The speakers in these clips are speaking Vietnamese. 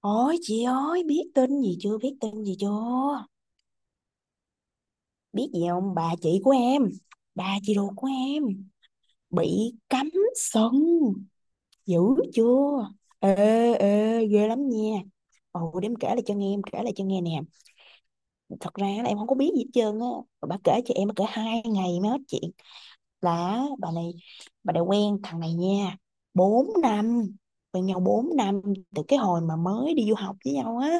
Ôi chị ơi, biết tin gì chưa, biết tin gì chưa, biết gì không? Bà chị của em, bà chị ruột của em bị cấm sân, dữ chưa. Ê ê ghê lắm nha. Ồ, để em kể lại cho nghe, em kể lại cho nghe nè. Thật ra là em không có biết gì hết trơn á. Mà bà kể cho em, bà kể 2 ngày mới hết chuyện. Là bà này quen thằng này nha, 4 năm, quen nhau 4 năm, từ cái hồi mà mới đi du học với nhau á.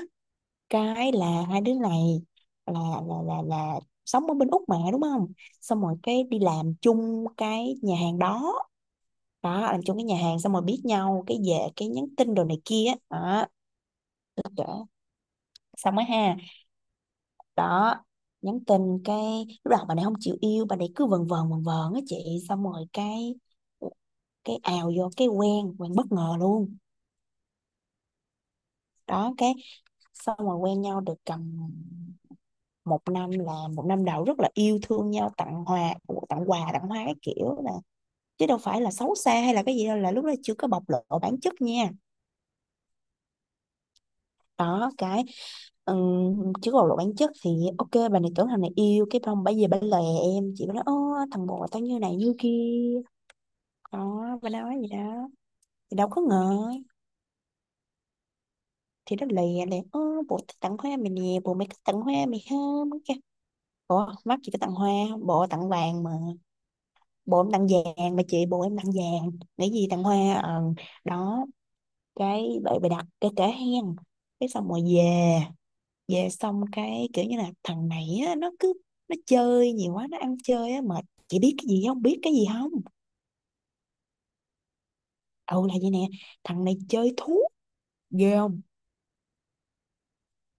Cái là hai đứa này là là sống ở bên Úc mà đúng không. Xong rồi cái đi làm chung cái nhà hàng đó, đó làm chung cái nhà hàng xong rồi biết nhau, cái về cái nhắn tin đồ này kia đó. Là kể xong mới ha, đó. Nhắn tin cái lúc đầu bà này không chịu yêu, bà này cứ vần vần vần vần á chị. Xong rồi cái ào vô cái quen quen bất ngờ luôn. Đó cái xong rồi quen nhau được cầm một năm, là một năm đầu rất là yêu thương nhau, tặng hoa tặng quà tặng hoa cái kiểu nè, chứ đâu phải là xấu xa hay là cái gì đâu, là lúc đó chưa có bộc lộ bản chất nha. Đó cái, chưa có bộc lộ bản chất thì ok, bà này tưởng thằng này yêu, cái xong bà về bà lè em chị, bà nói ô thằng bồ tao như này như kia, đó bà nói gì đó. Thì đâu có ngờ, thì nó lè lè ô bồ tao tặng hoa mày nè, bồ mày có tặng hoa mày không. Cái, ủa mắt chị có tặng hoa, bồ tặng vàng mà. Bộ em tặng vàng mà chị, bộ em tặng vàng, nghĩ gì tặng hoa, đó cái vậy bày đặt cái kể hen. Cái xong rồi về, xong cái kiểu như là thằng này á, nó cứ nó chơi nhiều quá nó ăn chơi á mệt, chị biết cái gì không, biết cái gì không. Ừ, là vậy nè, thằng này chơi thuốc, ghê không.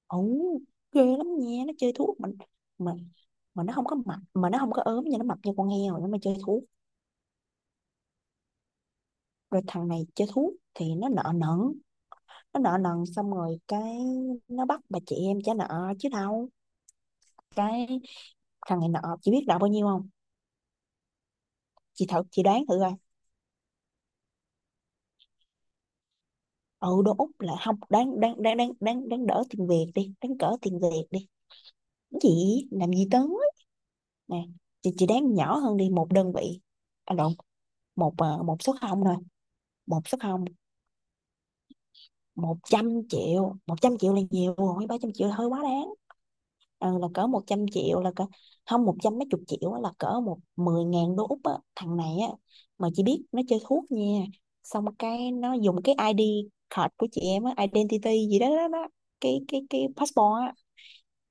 Ừ, ghê lắm nha, nó chơi thuốc mà mà nó không có mập, mà nó không có ốm nhưng nó mập như con heo nó mà chơi thuốc. Rồi thằng này chơi thuốc thì nó nợ nần, nó nợ nần xong rồi cái nó bắt bà chị em trả nợ chứ đâu. Cái thằng này nợ, chị biết nợ bao nhiêu không. Chị thử chị đoán thử coi. Ừ, đô Úc là không đáng đáng đáng đáng đáng đáng đỡ, tiền Việt đi, đáng cỡ tiền Việt đi. Cái gì làm gì tới nè, chị đoán nhỏ hơn đi một đơn vị. À lộn, một số không thôi, một số không. 100 triệu, 100 triệu là nhiều rồi, 300 triệu hơi quá đáng. Ờ, là cỡ 100 triệu là cỡ, không 100 mấy chục triệu á, là cỡ 10.000 đô Úc á. Thằng này á, mà chỉ biết nó chơi thuốc nha. Xong cái nó dùng cái ID card của chị em á, identity gì đó, đó, đó. Cái passport á,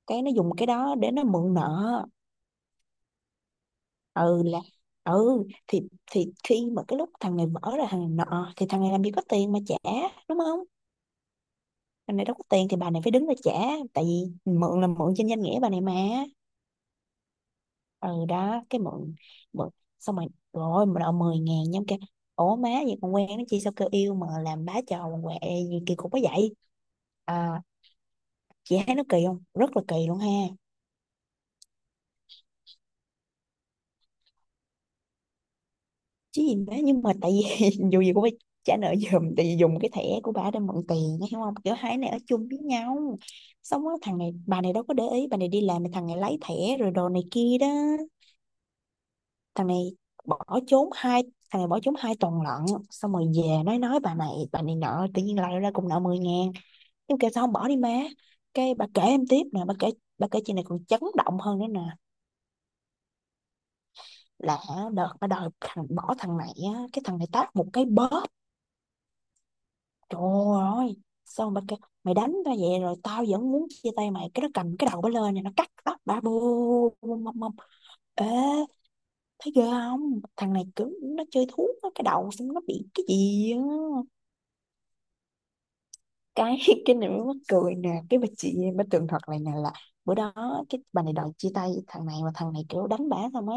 cái nó dùng cái đó để nó mượn nợ. Ừ là, ừ thì khi mà cái lúc thằng này vỡ ra, thằng này nợ thì thằng này làm gì có tiền mà trả, đúng không. Bà này đâu có tiền thì bà này phải đứng ra trả, tại vì mượn là mượn trên danh nghĩa bà này mà. Ừ, đó cái mượn mượn xong rồi rồi mà đòi 10 ngàn nhóm kêu, ủa má, vậy còn quen nó chi, sao kêu yêu mà làm bá trò quậy gì kỳ cục quá vậy. À, chị thấy nó kỳ không, rất là kỳ luôn ha. Chứ gì má, nhưng mà tại vì dù gì cũng phải trả nợ giùm, tại vì dùng cái thẻ của bà để mượn tiền hiểu không, kiểu hai này ở chung với nhau, xong đó, thằng này bà này đâu có để ý, bà này đi làm thì thằng này lấy thẻ rồi đồ này kia đó. thằng này bỏ trốn hai Thằng này bỏ trốn 2 tuần lận, xong rồi về nói bà này, bà này nợ, tự nhiên lại ra cùng nợ 10.000. Em kêu sao không bỏ đi má. Cái bà kể em tiếp nè, bà kể. Bà kể chuyện này còn chấn động hơn nữa nè. Là đợt bà đòi bỏ thằng này á, cái thằng này tát một cái bóp, trời ơi. Xong bà kêu mày đánh tao vậy rồi tao vẫn muốn chia tay mày, cái nó cầm cái đầu bà lên này, nó cắt tóc bà bù bù- bù- bù- Ê, thấy ghê không? Thằng này cứ nó chơi thuốc á, cái đầu xong nó bị cái gì á. cái cái này mới mắc cười nè, cái bà chị em bà tường thuật lại nè là bữa đó, cái bà này đòi chia tay thằng này mà thằng này kiểu đánh bả xong á,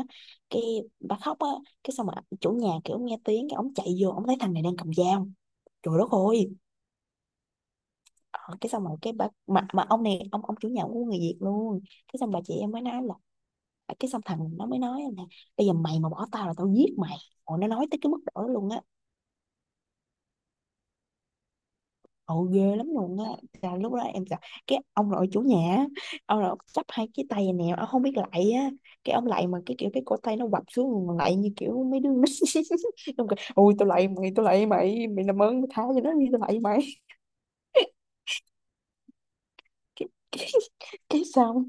cái bà khóc á, cái xong mà chủ nhà kiểu nghe tiếng, cái ông chạy vô ông thấy thằng này đang cầm dao, trời đất ơi. Ờ, cái xong rồi cái bà mà ông này ông chủ nhà cũng của người Việt luôn. Cái xong bà chị em mới nói là, cái xong thằng nó mới nói là bây giờ mày mà bỏ tao là tao giết mày. Ồ, nó nói tới cái mức độ đó luôn á, ồ ghê lắm luôn á, là lúc đó em sợ. Cái ông nội chủ nhà á, ông nội chắp hai cái tay này nè, ông không biết lạy á, cái ông lạy mà cái kiểu cái cổ tay nó quặp xuống mà lạy như kiểu mấy đứa nít. Ông kêu ôi tôi lạy mày, tôi lạy mày, mày làm ơn mày tha cho nó đi, tôi lạy mày. cái, cái, cái sao.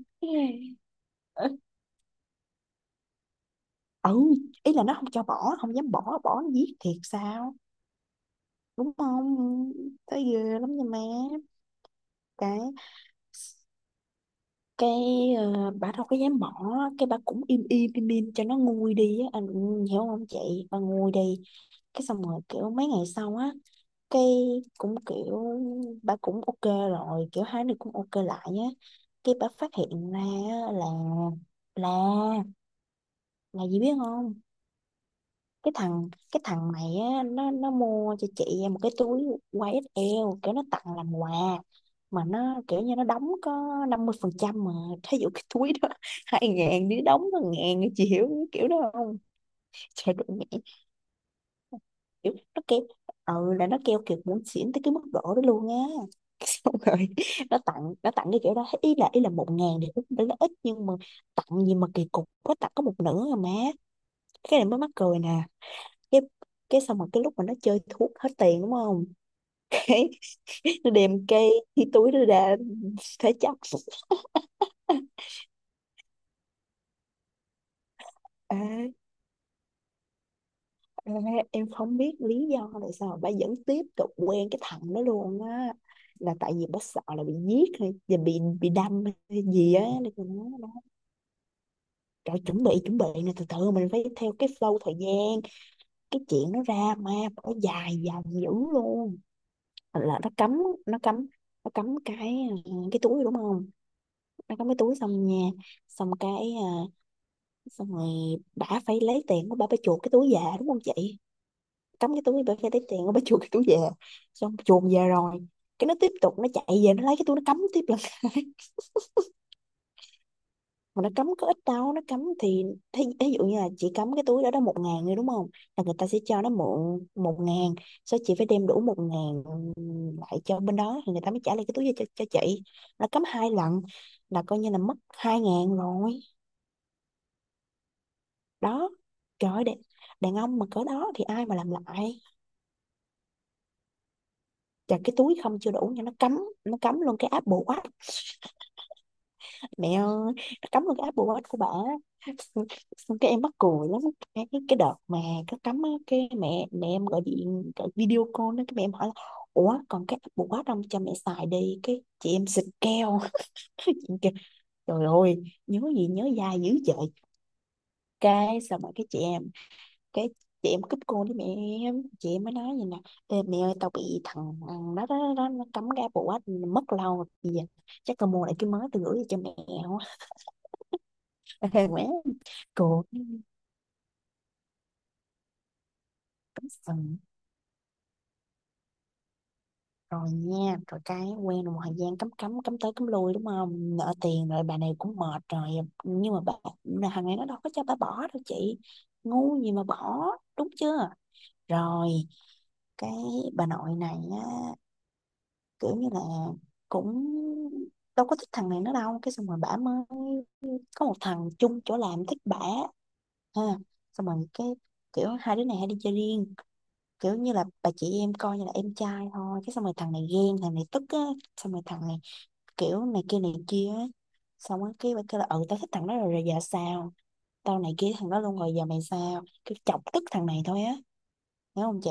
Ừ, ý là nó không cho bỏ, không dám bỏ, bỏ nó giết thiệt sao, đúng không. Thấy ghê lắm nha má. cái cái bà đâu có dám bỏ, cái bà cũng im im im im cho nó nguôi đi á anh, hiểu không chị, bà nguôi đi. Cái xong rồi kiểu mấy ngày sau á, cái cũng kiểu bà cũng ok rồi, kiểu hai đứa cũng ok lại nhá. Cái bà phát hiện ra á là, là là gì biết không. Cái thằng này á nó mua cho chị một cái túi YSL kiểu nó tặng làm quà, mà nó kiểu như nó đóng có 50% mà, thí dụ cái túi đó 2.000, đứa đóng có ngàn, chị hiểu cái kiểu đó không. Trời đất mẹ, kiểu nó kêu, ừ là nó kêu kiểu muốn xỉn tới cái mức độ đó luôn á. Xong rồi nó tặng cái kiểu đó, ý là 1.000 thì cũng đã là ít nhưng mà tặng gì mà kỳ cục có tặng có một nửa rồi má. Cái này mới mắc cười nè, cái cái xong rồi cái lúc mà nó chơi thuốc hết tiền, đúng không. Cái nó đem cây cái túi nó ra thế chấp. Ê, ê, em không biết lý do tại sao bà vẫn tiếp tục quen cái thằng đó luôn á, là tại vì bà sợ là bị giết hay và bị đâm hay gì á nên là nó đó. Rồi chuẩn bị, chuẩn bị nè, từ từ mình phải theo cái flow thời gian, cái chuyện nó ra mà nó dài dòng dữ luôn. Thành là nó cấm, nó cấm nó cấm cái cái túi đúng không. Nó cấm cái túi xong nha, xong cái ờ, xong rồi bà phải lấy tiền của bà phải chuộc cái túi về đúng không chị. Cắm cái túi, bà phải lấy tiền của bà chuột cái túi về, xong chuồn về rồi. Cái nó tiếp tục nó chạy về nó lấy cái túi nó cắm tiếp lần, mà nó cắm có ít đâu, nó cắm thì thí dụ như là chị cắm cái túi đó đó 1.000 rồi đúng không, là người ta sẽ cho nó mượn 1.000, sau chị phải đem đủ 1.000 lại cho bên đó thì người ta mới trả lại cái túi cho chị. Nó cắm hai lần là coi như là mất 2.000 rồi đó. Trời ơi, đàn ông mà cỡ đó thì ai mà làm lại. Chặt cái túi không chưa đủ nha, nó cắm luôn cái áp bộ quá. Mẹ ơi, nó cắm vào cái Apple Watch của bà á. Xong. Xong cái em mắc cười lắm. Cái đợt mà nó cấm á, cái mẹ mẹ em gọi điện, gọi video call đó, cái mẹ em hỏi là ủa còn cái Apple Watch không cho mẹ xài đi, cái chị em xịt keo. Chị em kêu, trời ơi, nhớ gì nhớ dai dữ trời. Cái xong rồi cái chị em, cái chị em cúp cô với mẹ em, chị em mới nói vậy nè: Ê, mẹ ơi tao bị thằng đó, đó, nó cấm cái Apple Watch mất lâu rồi. Bây giờ chắc tao mua lại cái mới tao gửi cho mẹ. Quá. Cược. Cắm sừng. Rồi nha, rồi cái quen được một thời gian cắm cắm cắm tới cắm lui, đúng không, nợ tiền rồi bà này cũng mệt rồi. Nhưng mà bà, là thằng này nó đâu có cho bà bỏ đâu chị, ngu gì mà bỏ. Đúng chưa. Rồi cái bà nội này á, kiểu như là cũng đâu có thích thằng này nữa đâu. Cái xong rồi bả mới có một thằng chung chỗ làm thích bả, ha. Xong rồi cái kiểu hai đứa này hay đi chơi riêng, kiểu như là bà chị em coi như là em trai thôi. Cái xong rồi thằng này ghen, thằng này tức á. Xong rồi thằng này kiểu này kia á. Xong á cái bà kêu là ừ tao thích thằng đó rồi, rồi giờ sao, tao này kia thằng đó luôn, rồi giờ mày sao, kiểu chọc tức thằng này thôi á. Hiểu không chị.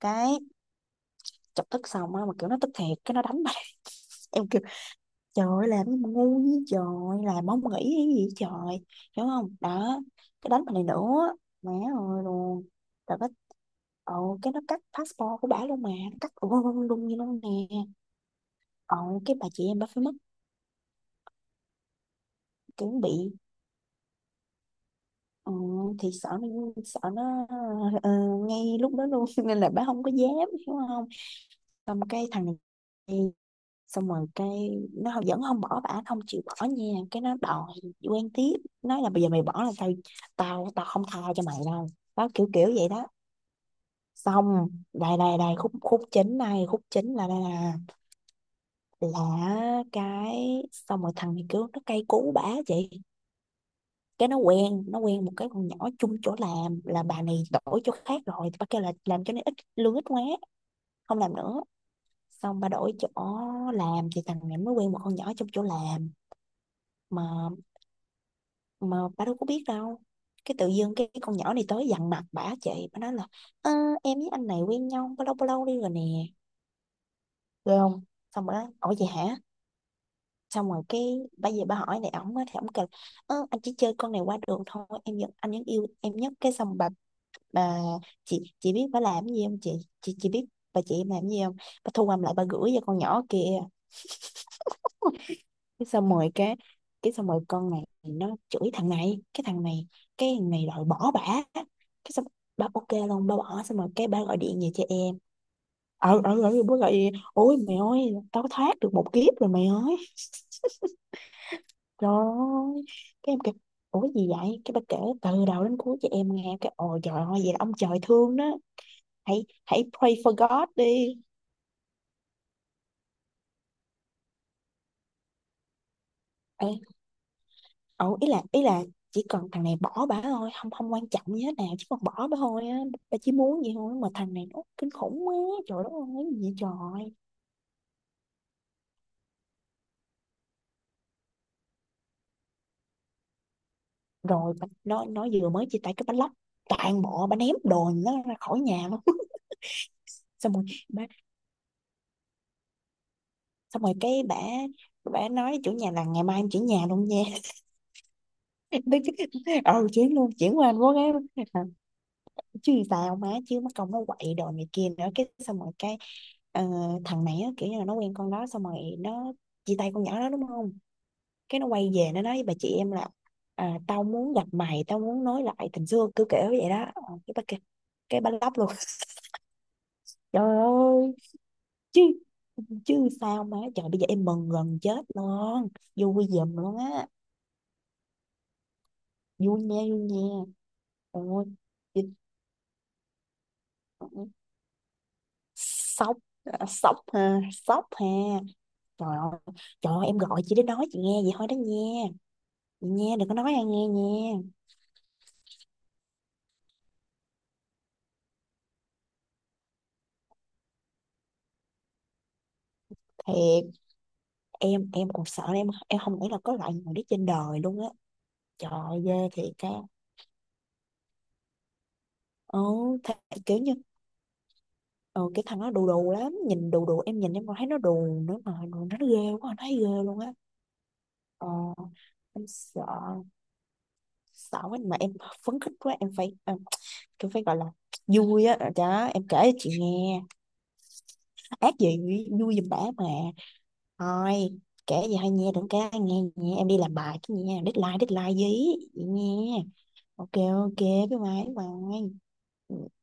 Cái chọc tức xong á, mà kiểu nó tức thiệt, cái nó đánh bà. Em, trời ơi, làm cái mà ngu với trời. Làm không nghĩ cái gì vậy trời. Hiểu không? Đó. Cái đánh mình này nữa, mẹ ơi luôn. Rồi cái ồ, cái nó cắt passport của bả luôn mà. Nó cắt luôn luôn luôn như luôn nè. Ồ, cái bà chị em bà phải mất, kiểu bị, ừ, thì sợ nó, sợ nó, ờ, ngay lúc đó luôn. Nên là bà không có dám. Hiểu không? Xong cái thằng này, xong rồi cái nó vẫn không bỏ bả, không chịu bỏ nha, cái nó đòi quen tiếp, nói là bây giờ mày bỏ là tao, tao không tha cho mày đâu, đó kiểu kiểu vậy đó. Xong đây đây đây khúc, khúc chính này, khúc chính là đây, là cái xong rồi thằng này kiểu nó cay cú bả chị. Cái nó quen, nó quen một cái con nhỏ chung chỗ làm, là bà này đổi chỗ khác rồi thì bà kêu là làm cho nó ít lương, ít quá không làm nữa, xong bà đổi chỗ làm, thì thằng này mới quen một con nhỏ trong chỗ làm mà mà bà đâu có biết đâu. Cái tự dưng cái con nhỏ này tới dằn mặt bả chị, bả nói là "Ơ, em với anh này quen nhau bao lâu đi rồi nè, được không". Xong rồi nói ủa vậy hả. Xong rồi cái bây giờ bà hỏi này ổng á, thì ổng kêu ơ, anh chỉ chơi con này qua đường thôi, em vẫn, anh vẫn yêu em nhất. Cái xong bà, chị biết bà làm cái gì không chị biết bà chị em làm cái gì không, bà thu âm lại bà gửi cho con nhỏ kìa. Cái xong rồi cái xong rồi con này nó chửi thằng này, cái thằng này, cái thằng này đòi bỏ bả. Cái xong ba ok luôn, ba bỏ, xong rồi cái ba gọi điện về cho em. Bố gọi điện, ôi mày ơi tao thoát được một kiếp rồi mày ơi. Trời ơi. Cái em kêu ủa gì vậy, cái ba kể từ đầu đến cuối cho em nghe, cái ồ trời ơi, vậy là ông trời thương đó, hãy hãy pray for God đi. Ờ, ý là chỉ cần thằng này bỏ bả thôi, không không quan trọng gì hết nào, chỉ cần bỏ bả thôi á. Bà chỉ muốn vậy thôi, mà thằng này nó kinh khủng quá. Trời đất ơi cái gì vậy trời. Rồi bà, nó vừa mới chia tay, cái bánh lóc toàn bộ, bà ném đồ nó ra khỏi nhà luôn. Xong rồi bà, xong rồi cái bà nói chủ nhà là ngày mai em chuyển nhà luôn nha. Tức- ừ, chuyển luôn, chuyển qua Anh Quốc á. Chứ sao má, chứ mất công nó quậy đồ này kia nữa. Cái xong rồi cái, ờ, thằng này á, kiểu như là nó quen con đó xong rồi nó chia tay con nhỏ đó đúng không, cái nó quay về nó nói với bà chị em là à, tao muốn gặp mày, tao muốn nói lại tình xưa, cứ kiểu vậy đó. Ờ, cái bà kia, cái bà lóc luôn. Trời ơi. Chứ, chứ sao má trời, bây giờ em mừng gần chết luôn, vui giùm luôn á. Vui nha, vui nha. Ôi chị-, sốc, sốc ha, sốc ha. Trời ơi, trời ơi, em gọi chị để nói chị nghe vậy thôi đó nha. Chị nha, đừng có nói ai nghe nha. Thiệt, em còn sợ, em không nghĩ là có loại người đó trên đời luôn á. Trời ơi, ghê thiệt á. Ừ, th-, kiểu như, ừ, cái thằng đó đù đù lắm, nhìn đù đù, em nhìn em còn thấy nó đù nữa, mà nó ghê quá, nó thấy ghê luôn á. Ờ, em sợ, sợ quá mà em, phấn khích quá em phải gọi là vui á đó em kể cho chị nghe. Ác gì, vui giùm bả mà. Thôi, kể gì hay nghe, đừng, cái nghe, nghe em đi làm bài chứ, nghe deadline deadline gì. Vậy nghe. Ok, ok, bye bye, bye bye. Ừ.